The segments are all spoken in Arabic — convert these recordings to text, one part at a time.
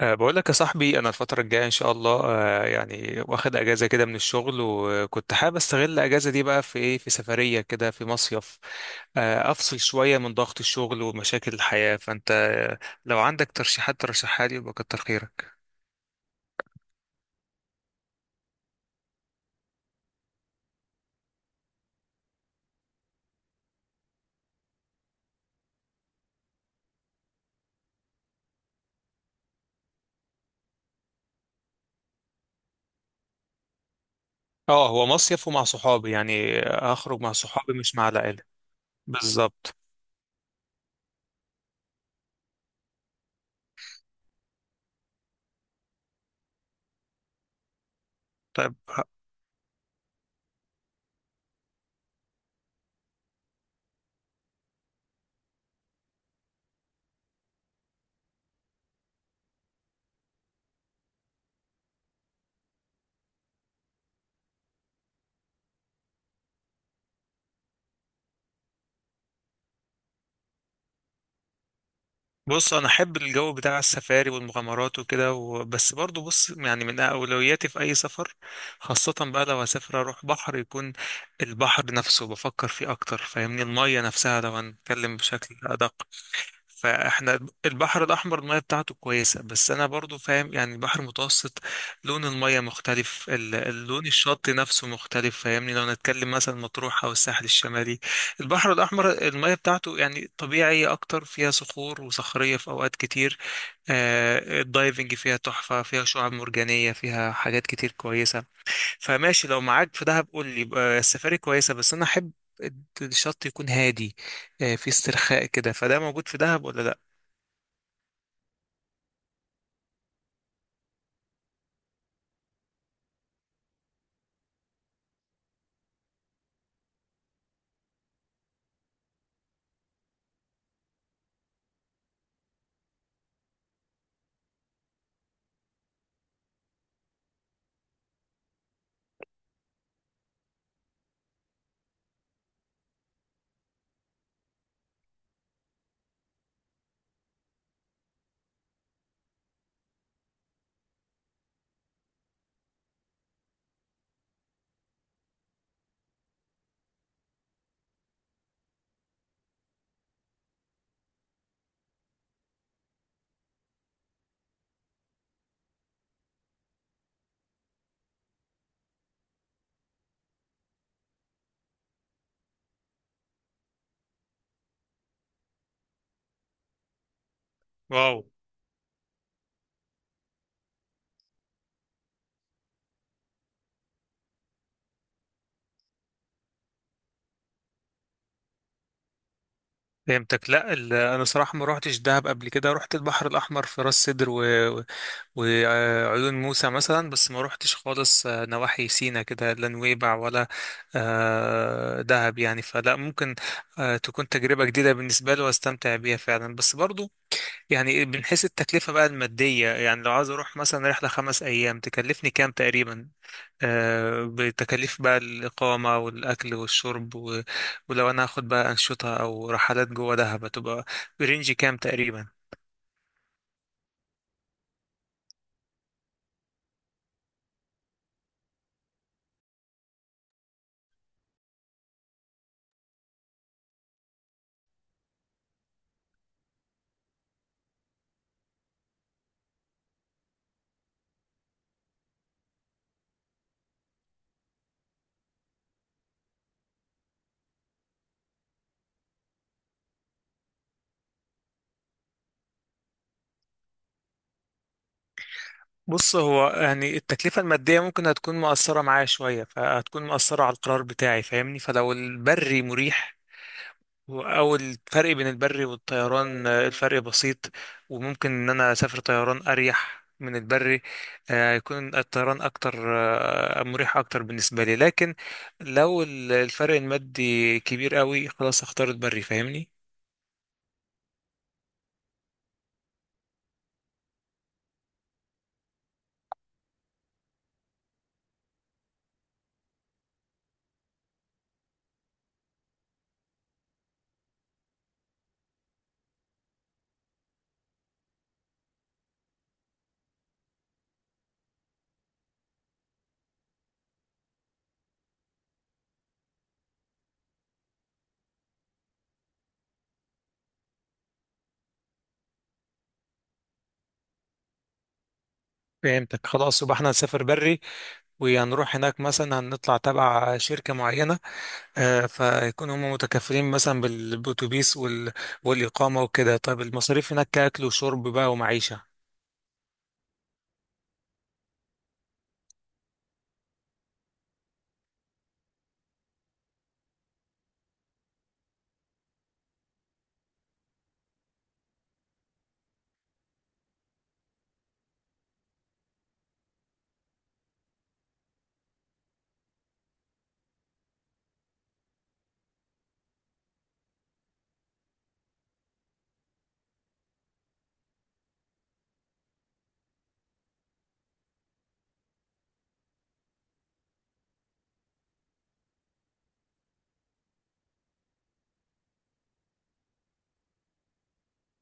بقول لك يا صاحبي، انا الفتره الجايه ان شاء الله يعني واخد اجازه كده من الشغل، وكنت حابب استغل الاجازه دي بقى في ايه، في سفريه كده في مصيف. افصل شويه من ضغط الشغل ومشاكل الحياه. فانت لو عندك ترشيحات ترشحها لي يبقى كتر خيرك. اه، هو مصيف ومع صحابي، يعني هخرج مع صحابي مش مع العائله. بالظبط. طيب. بص، انا احب الجو بتاع السفاري والمغامرات وكده، بس برضو بص، يعني من اولوياتي في اي سفر، خاصة بقى لو هسافر اروح بحر، يكون البحر نفسه بفكر فيه اكتر، فاهمني، المية نفسها لو هنتكلم بشكل ادق. فاحنا البحر الاحمر الميه بتاعته كويسه، بس انا برضو فاهم يعني البحر المتوسط لون الميه مختلف، اللون الشط نفسه مختلف، فاهمني لو نتكلم مثلا مطروح او الساحل الشمالي. البحر الاحمر الميه بتاعته يعني طبيعيه اكتر، فيها صخور وصخريه في اوقات كتير. الدايفنج فيها تحفة، فيها شعاب مرجانية، فيها حاجات كتير كويسة. فماشي لو معاك في دهب قول لي يبقى السفاري كويسة، بس أنا أحب الشط يكون هادي، في استرخاء كده. فده موجود في دهب ولا لأ؟ واو. فهمتك. لا، انا صراحه ما روحتش دهب قبل كده، روحت البحر الاحمر في راس سدر و... وعيون موسى مثلا، بس ما روحتش خالص نواحي سينا كده، لا نويبع ولا دهب يعني. فلا، ممكن تكون تجربة جديدة بالنسبة لي واستمتع بيها فعلا. بس برضو، يعني بنحس التكلفة بقى المادية، يعني لو عايز اروح مثلا رحلة 5 ايام تكلفني كام تقريبا، بتكاليف بقى الإقامة والأكل والشرب، ولو أنا هاخد بقى أنشطة أو رحلات جوه دهب هتبقى برينج كام تقريبا؟ بص، هو يعني التكلفة المادية ممكن هتكون مؤثرة معايا شوية، فهتكون مؤثرة على القرار بتاعي، فاهمني، فلو البري مريح، أو الفرق بين البري والطيران الفرق بسيط، وممكن إن أنا أسافر طيران أريح من البري، يكون الطيران أكتر مريح أكتر بالنسبة لي. لكن لو الفرق المادي كبير قوي، خلاص أختار البري، فاهمني. فهمتك. خلاص، يبقى احنا هنسافر بري، وهنروح هناك مثلا هنطلع تبع شركة معينة، فيكون هم متكفلين مثلا بالأتوبيس وال... والإقامة وكده. طيب المصاريف هناك كأكل وشرب بقى ومعيشة؟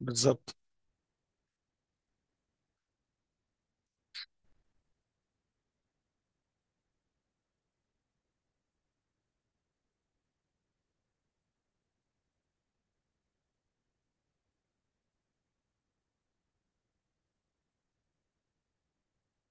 بالظبط.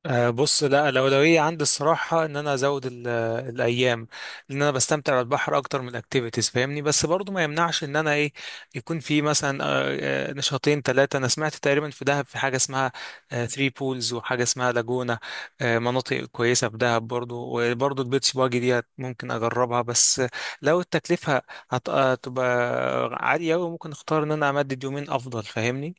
أه بص، لا، الأولوية عندي الصراحة إن أنا أزود الأيام، لأن أنا بستمتع بالبحر أكتر من الأكتيفيتيز، فاهمني. بس برضو ما يمنعش إن أنا إيه، يكون في مثلا نشاطين ثلاثة. أنا سمعت تقريبا في دهب في حاجة اسمها ثري بولز، وحاجة اسمها لاجونة، مناطق كويسة في دهب برضو، وبرضو البيتش باجي دي ممكن أجربها. بس لو التكلفة هتبقى عالية أوي، ممكن أختار إن أنا أمدد يومين أفضل، فاهمني.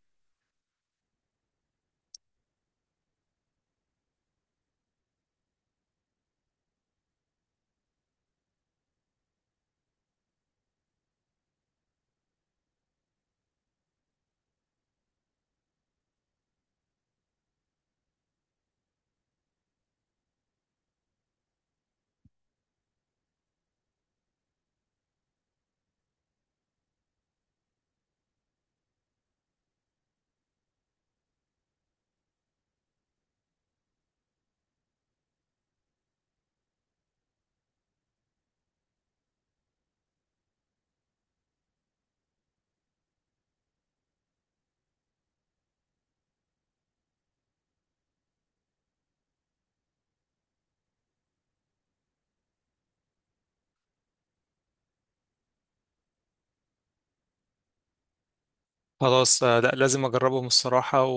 خلاص لا، لازم اجربهم الصراحة، و...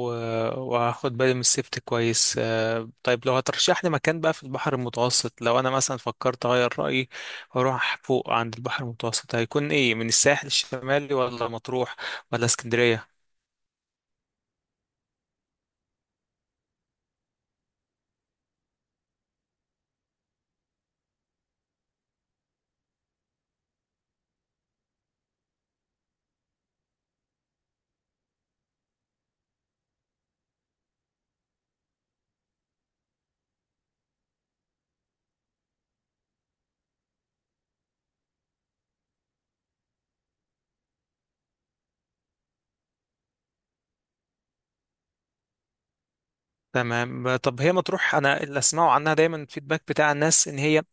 وهاخد بالي من السيفتي كويس. طيب لو هترشح لي مكان بقى في البحر المتوسط، لو انا مثلا فكرت اغير رأيي واروح فوق عند البحر المتوسط، هيكون ايه؟ من الساحل الشمالي ولا مطروح ولا اسكندرية؟ تمام. طب هي مطروح انا اللي اسمعه عنها دايما الفيدباك بتاع الناس ان هي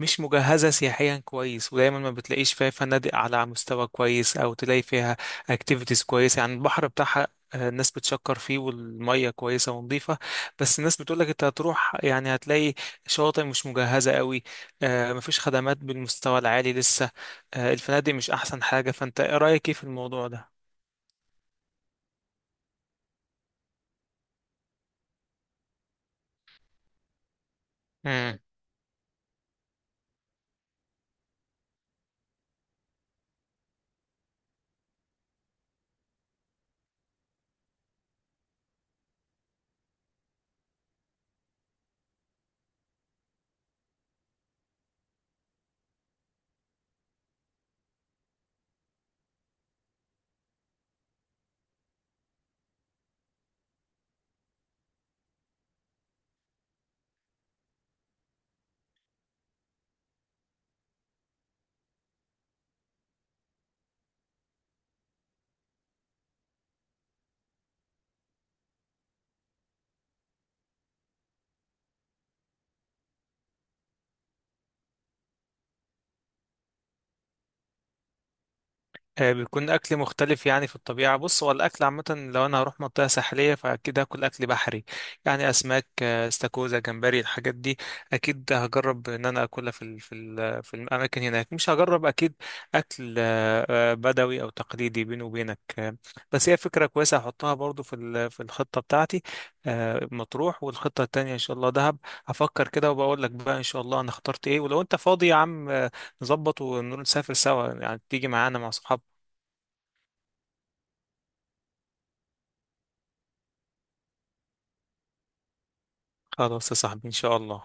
مش مجهزة سياحيا كويس، ودايما ما بتلاقيش فيها فنادق على مستوى كويس، أو تلاقي فيها اكتيفيتيز كويسة، يعني البحر بتاعها الناس بتشكر فيه والمية كويسة ونظيفة، بس الناس بتقولك انت هتروح يعني هتلاقي شواطئ مش مجهزة قوي، مفيش خدمات بالمستوى العالي لسه، الفنادق مش أحسن حاجة. فانت ايه رأيك ايه في الموضوع ده؟ بيكون اكل مختلف يعني في الطبيعه. بص، هو الاكل عامه لو انا هروح منطقه ساحليه فاكيد هاكل اكل بحري، يعني اسماك استاكوزا جمبري الحاجات دي اكيد هجرب ان انا اكلها في الاماكن هناك. مش هجرب اكيد اكل بدوي او تقليدي بيني وبينك. بس هي فكره كويسه هحطها برضو في الخطه بتاعتي. مطروح، والخطه التانية ان شاء الله دهب. هفكر كده وبقول لك بقى ان شاء الله انا اخترت ايه. ولو انت فاضي يا عم، نظبط ونسافر سوا، يعني تيجي معانا مع صحابك. خلاص يا صاحبي، إن شاء الله.